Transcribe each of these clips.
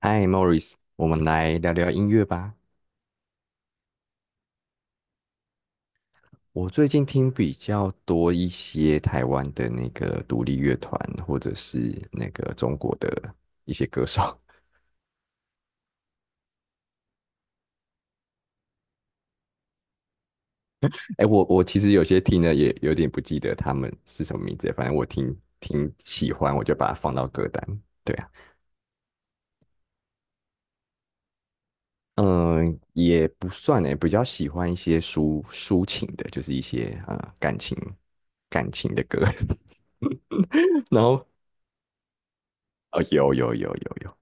嗨，Morris，我们来聊聊音乐吧。我最近听比较多一些台湾的那个独立乐团，或者是那个中国的一些歌手。哎，我其实有些听的也有点不记得他们是什么名字，反正我听听喜欢，我就把它放到歌单。对啊，嗯，也不算哎，比较喜欢一些抒情的，就是一些感情感情的歌。然后，哦，有有有有有，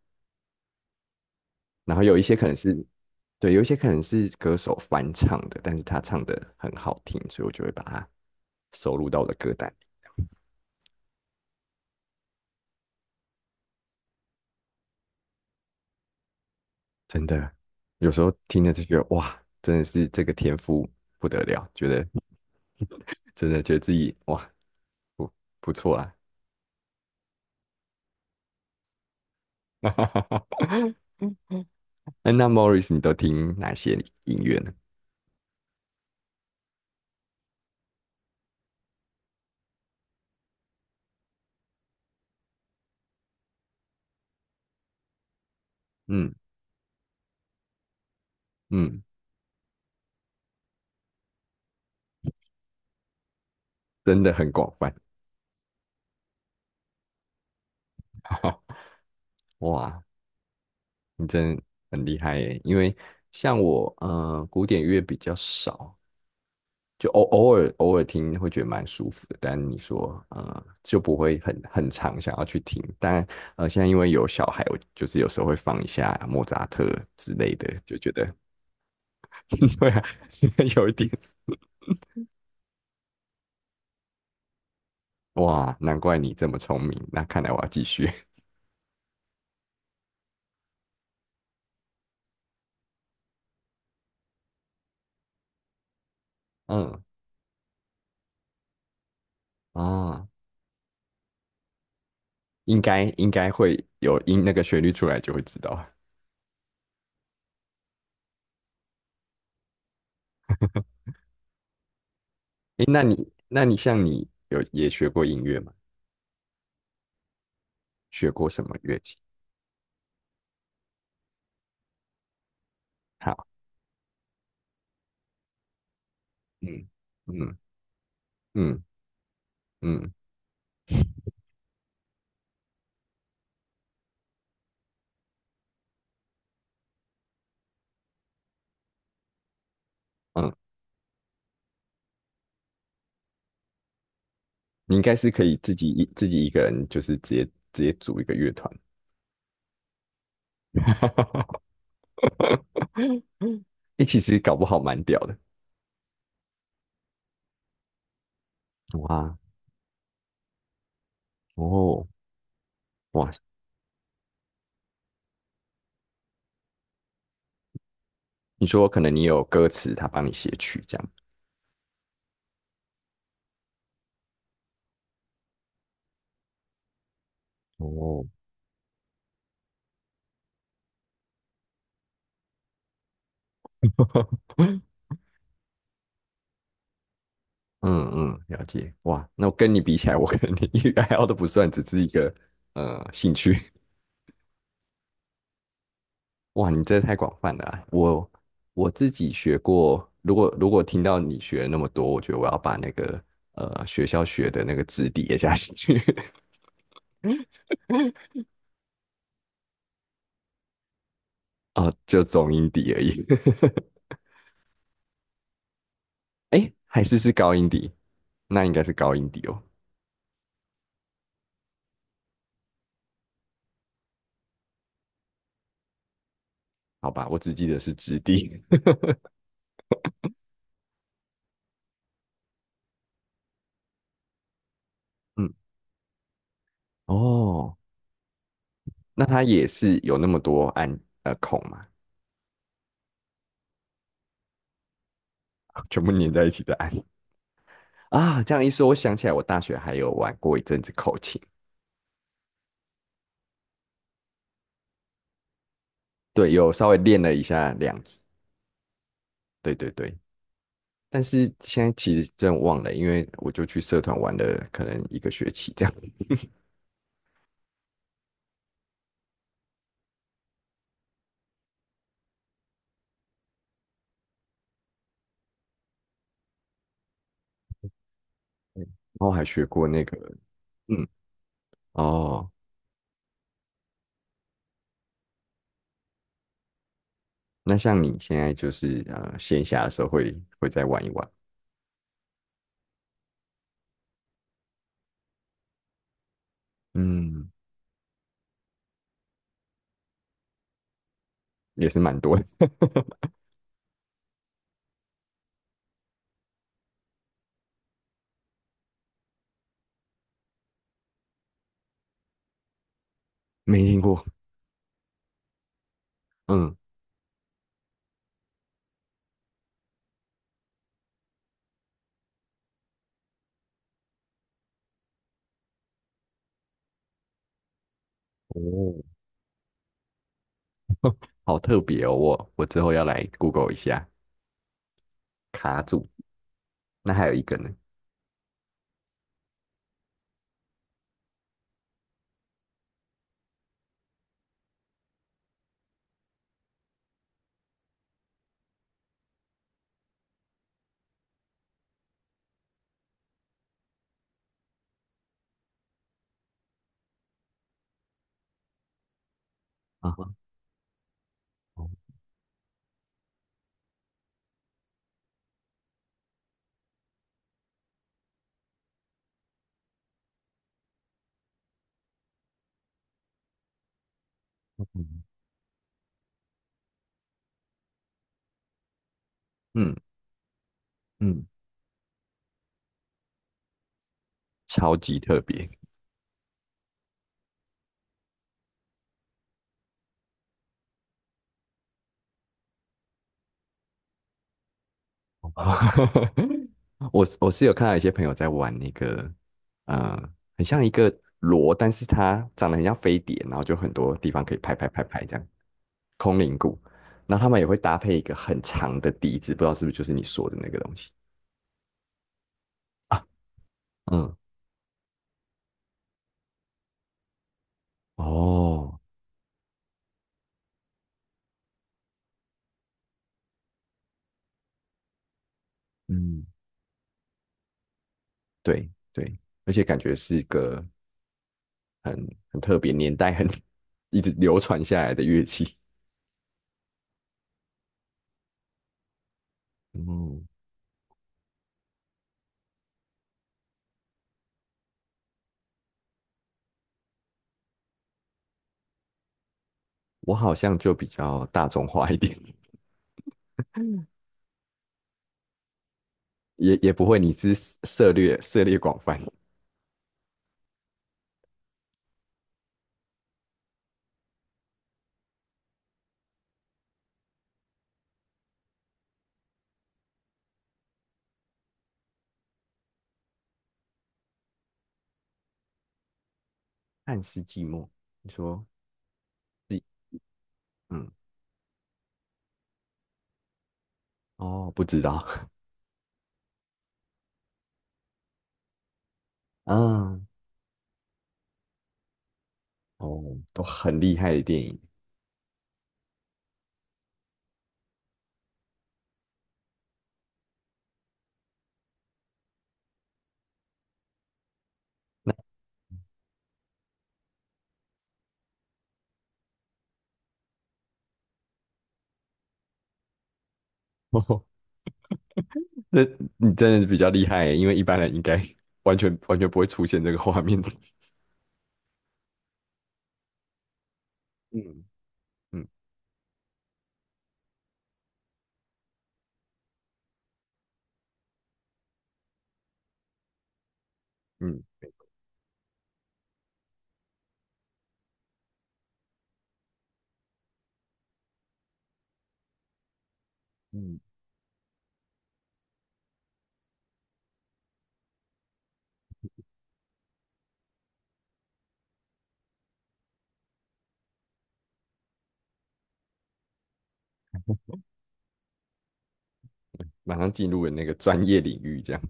然后有一些可能是，对，有一些可能是歌手翻唱的，但是他唱的很好听，所以我就会把它收录到我的歌单里。真的，有时候听着就觉得哇，真的是这个天赋不得了，觉得真的觉得自己哇不不错啦。哎那 Morris 你都听哪些音乐呢？嗯嗯，真的很广泛。哇，你真的很厉害耶！因为像我，古典乐比较少，就偶尔偶尔听会觉得蛮舒服的，但你说就不会很常想要去听。但现在因为有小孩，我就是有时候会放一下莫扎特之类的，就觉得 对啊，有一点哇，难怪你这么聪明。那看来我要继续，嗯啊，应该应该会有音那个旋律出来就会知道。诶，那你像你有也学过音乐吗？学过什么乐器？好，嗯嗯嗯嗯嗯。你应该是可以自己一个人，就是直接直接组一个乐团。哎、其实搞不好蛮屌的。哇哦哇，你说可能你有歌词，他帮你写曲这样。哦，嗯嗯，了解。哇，那我跟你比起来，我可能连业余爱好都不算，只是一个兴趣。哇，你这太广泛了啊我自己学过，如果听到你学了那么多，我觉得我要把那个学校学的那个质地也加进去。哦，就中音底而已。哎还是是高音底，那应该是高音底哦。好吧，我只记得是直笛。嗯，哦，那它也是有那么多按孔嘛，全部粘在一起的按啊。这样一说，我想起来，我大学还有玩过一阵子口琴，对，有稍微练了一下两指。对对对，但是现在其实真的忘了，因为我就去社团玩了可能一个学期这样，然后还学过那个，嗯，哦。那像你现在就是闲暇的时候会再玩一玩，嗯，也是蛮多的，没听过，嗯，哦，好特别哦，我之后要来 Google 一下卡组，那还有一个呢，啊哈，哦嗯嗯，超级特别，我是有看到一些朋友在玩那个，呃，很像一个螺，但是它长得很像飞碟，然后就很多地方可以拍拍拍拍这样，空灵鼓，然后他们也会搭配一个很长的笛子，不知道是不是就是你说的那个东西。嗯，哦，嗯，对对，而且感觉是个很特别，年代很 一直流传下来的乐器。嗯，我好像就比较大众化一点，也也不会，你是涉猎广泛。汉斯寂寞，你说是嗯哦，不知道 嗯哦，都很厉害的电影。那 哦，那你真的是比较厉害耶因为一般人应该 完全不会出现这个画面的。嗯嗯嗯嗯，马上进入了那个专业领域，这样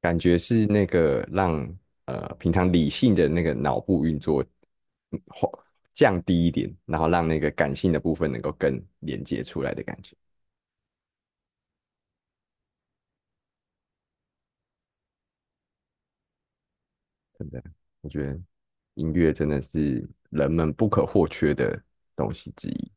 感觉是那个让平常理性的那个脑部运作嗯或降低一点，然后让那个感性的部分能够更连接出来的感觉，对不对？我觉得音乐真的是人们不可或缺的东西之一。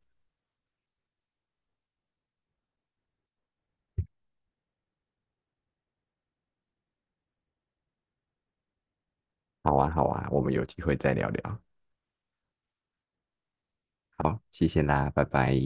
好啊，好啊，我们有机会再聊聊。好，谢谢啦，拜拜。